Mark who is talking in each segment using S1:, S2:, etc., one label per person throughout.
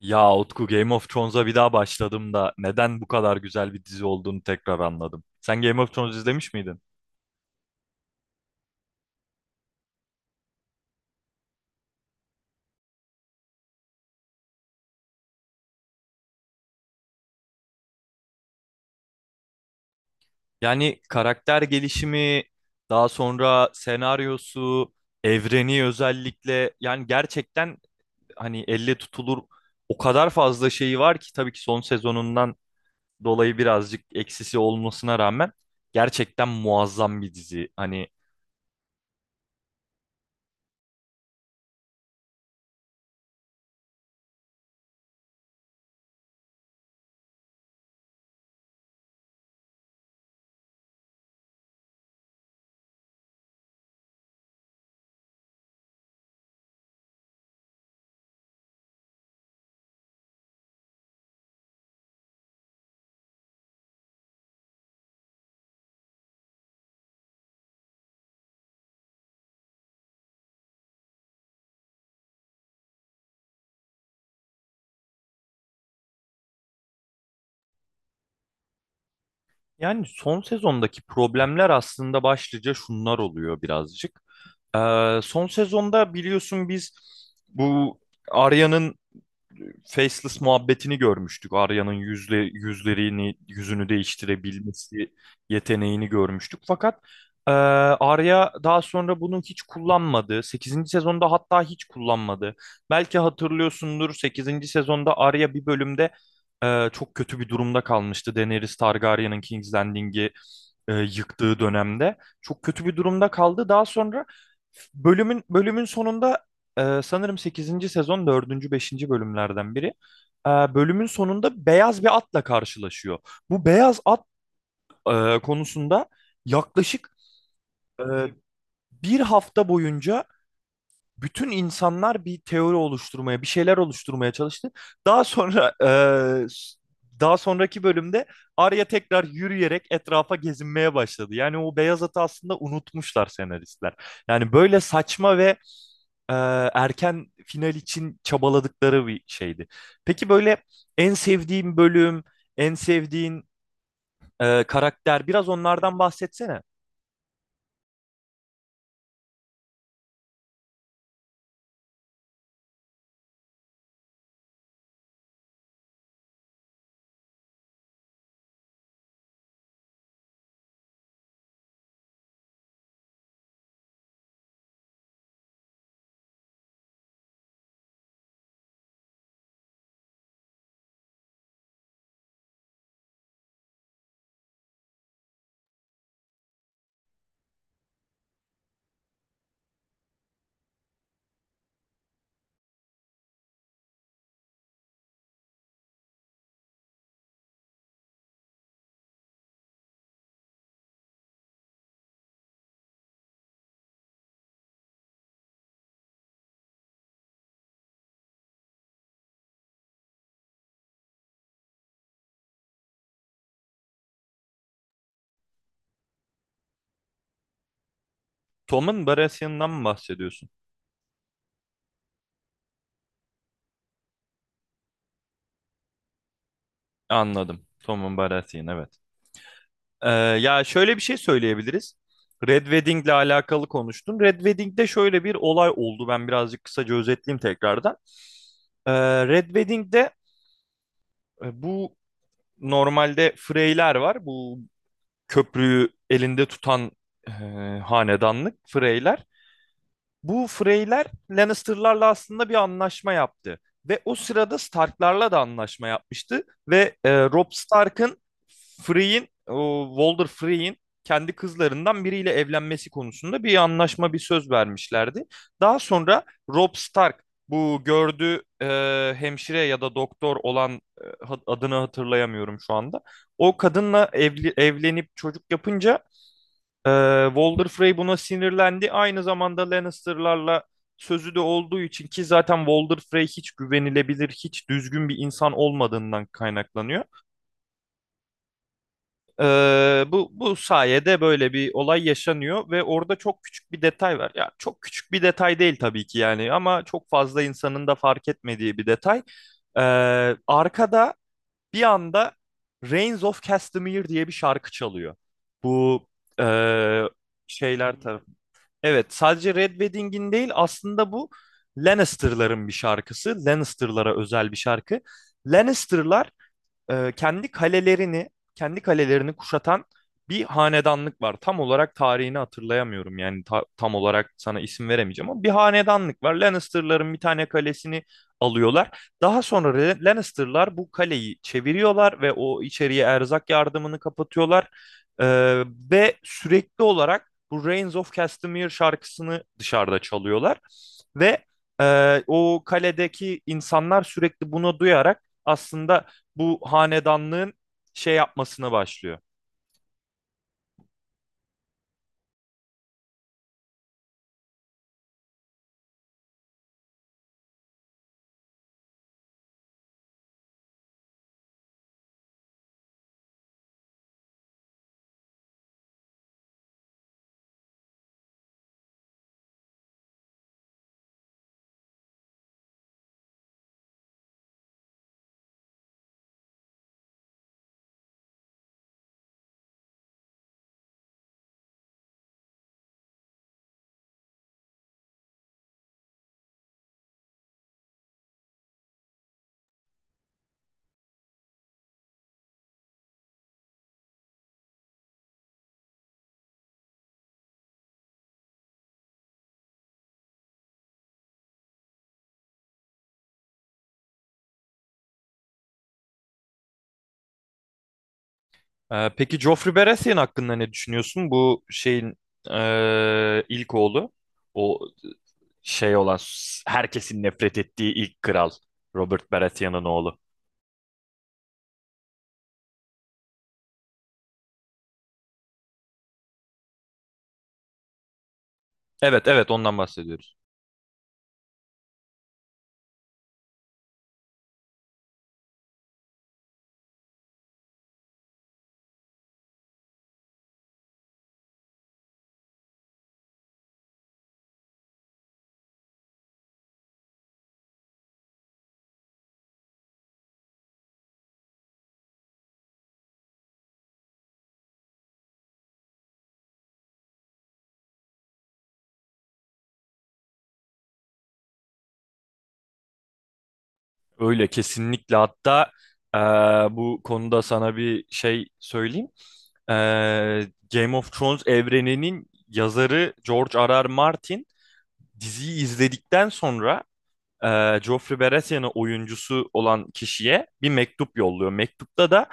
S1: Ya Utku Game of Thrones'a bir daha başladım da neden bu kadar güzel bir dizi olduğunu tekrar anladım. Sen Game of Thrones izlemiş miydin? Yani karakter gelişimi, daha sonra senaryosu, evreni özellikle yani gerçekten hani elle tutulur o kadar fazla şeyi var ki tabii ki son sezonundan dolayı birazcık eksisi olmasına rağmen gerçekten muazzam bir dizi. Hani. Yani son sezondaki problemler aslında başlıca şunlar oluyor birazcık. Son sezonda biliyorsun biz bu Arya'nın faceless muhabbetini görmüştük. Arya'nın yüzlerini, yüzünü değiştirebilmesi yeteneğini görmüştük. Fakat Arya daha sonra bunu hiç kullanmadı. Sekizinci sezonda hatta hiç kullanmadı. Belki hatırlıyorsundur sekizinci sezonda Arya bir bölümde çok kötü bir durumda kalmıştı. Daenerys Targaryen'ın King's Landing'i yıktığı dönemde. Çok kötü bir durumda kaldı. Daha sonra bölümün sonunda sanırım sekizinci sezon dördüncü beşinci bölümlerden biri. Bölümün sonunda beyaz bir atla karşılaşıyor. Bu beyaz at konusunda yaklaşık e, bir hafta boyunca bütün insanlar bir teori oluşturmaya, bir şeyler oluşturmaya çalıştı. Daha sonra daha sonraki bölümde Arya tekrar yürüyerek etrafa gezinmeye başladı. Yani o beyaz atı aslında unutmuşlar senaristler. Yani böyle saçma ve erken final için çabaladıkları bir şeydi. Peki böyle en sevdiğin bölüm, en sevdiğin karakter biraz onlardan bahsetsene. Tom'un Baratheon'dan mı bahsediyorsun? Anladım. Tom'un Baratheon, evet. Ee, Ya şöyle bir şey söyleyebiliriz. Red Wedding'le alakalı konuştun. Red Wedding'de şöyle bir olay oldu. Ben birazcık kısaca özetleyeyim tekrardan. Red Wedding'de bu normalde Freyler var. Bu köprüyü elinde tutan e, hanedanlık Freyler. Bu Freyler Lannister'larla aslında bir anlaşma yaptı. Ve o sırada Stark'larla da anlaşma yapmıştı. Ve Robb Stark'ın Frey'in, o Walder Frey'in kendi kızlarından biriyle evlenmesi konusunda bir anlaşma, bir söz vermişlerdi. Daha sonra Robb Stark bu gördüğü hemşire ya da doktor olan, e, adını hatırlayamıyorum şu anda. O kadınla evli, evlenip çocuk yapınca ee, Walder Frey buna sinirlendi. Aynı zamanda Lannister'larla sözü de olduğu için ki zaten Walder Frey hiç güvenilebilir, hiç düzgün bir insan olmadığından kaynaklanıyor. Bu sayede böyle bir olay yaşanıyor ve orada çok küçük bir detay var. Ya çok küçük bir detay değil tabii ki yani, ama çok fazla insanın da fark etmediği bir detay. Ee, Arkada bir anda Reigns of Castamere diye bir şarkı çalıyor. Bu ee, şeyler tarafı. Evet, sadece Red Wedding'in değil, aslında bu Lannister'ların bir şarkısı. Lannister'lara özel bir şarkı. Lannister'lar e, kendi kalelerini kendi kalelerini kuşatan bir hanedanlık var. Tam olarak tarihini hatırlayamıyorum yani, tam olarak sana isim veremeyeceğim ama bir hanedanlık var. Lannister'ların bir tane kalesini alıyorlar. Daha sonra Lannister'lar bu kaleyi çeviriyorlar ve o içeriye erzak yardımını kapatıyorlar. E, Ve sürekli olarak bu Reigns of Castamere şarkısını dışarıda çalıyorlar ve o kaledeki insanlar sürekli bunu duyarak aslında bu hanedanlığın şey yapmasına başlıyor. Peki Joffrey Baratheon hakkında ne düşünüyorsun? Bu şeyin ilk oğlu. O şey olan, herkesin nefret ettiği ilk kral Robert Baratheon'un oğlu. Evet, evet, ondan bahsediyoruz. Öyle kesinlikle, hatta eee, bu konuda sana bir şey söyleyeyim. Ee, Game of Thrones evreninin yazarı George R. R. Martin diziyi izledikten sonra Joffrey Baratheon'ın oyuncusu olan kişiye bir mektup yolluyor. Mektupta da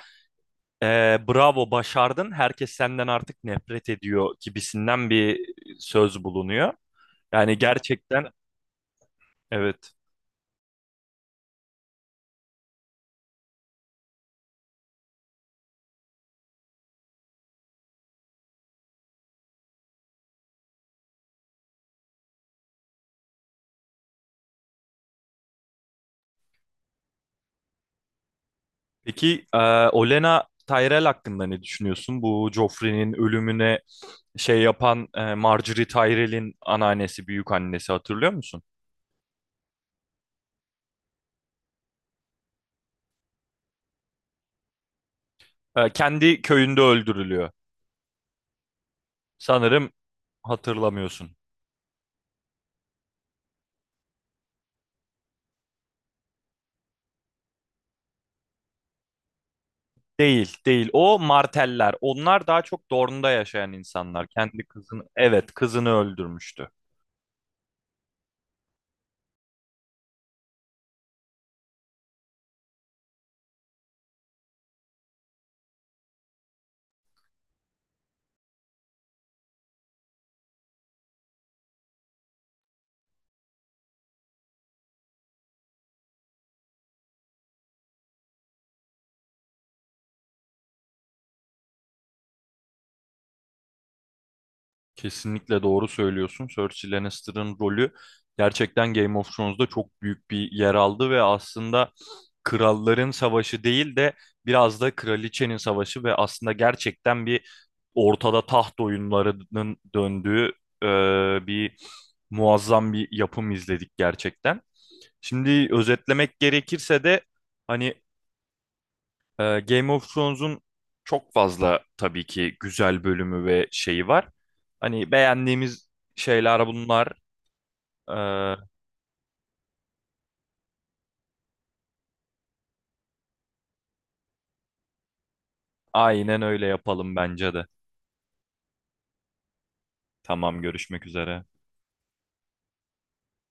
S1: e, bravo başardın, herkes senden artık nefret ediyor gibisinden bir söz bulunuyor. Yani gerçekten, evet. Peki Olenna Tyrell hakkında ne düşünüyorsun? Bu Joffrey'nin ölümüne şey yapan, Margaery Tyrell'in anneannesi, büyük annesi, hatırlıyor musun? Kendi köyünde öldürülüyor. Sanırım hatırlamıyorsun. Değil, değil. O marteller. Onlar daha çok Dorne'da yaşayan insanlar. Kendi kızını, evet, kızını öldürmüştü. Kesinlikle doğru söylüyorsun. Cersei Lannister'ın rolü gerçekten Game of Thrones'da çok büyük bir yer aldı ve aslında kralların savaşı değil de biraz da kraliçenin savaşı ve aslında gerçekten bir ortada taht oyunlarının döndüğü e, bir muazzam bir yapım izledik gerçekten. Şimdi özetlemek gerekirse de hani Game of Thrones'un çok fazla tabii ki güzel bölümü ve şeyi var. Hani beğendiğimiz şeyler bunlar. Ee, aynen öyle yapalım bence de. Tamam, görüşmek üzere.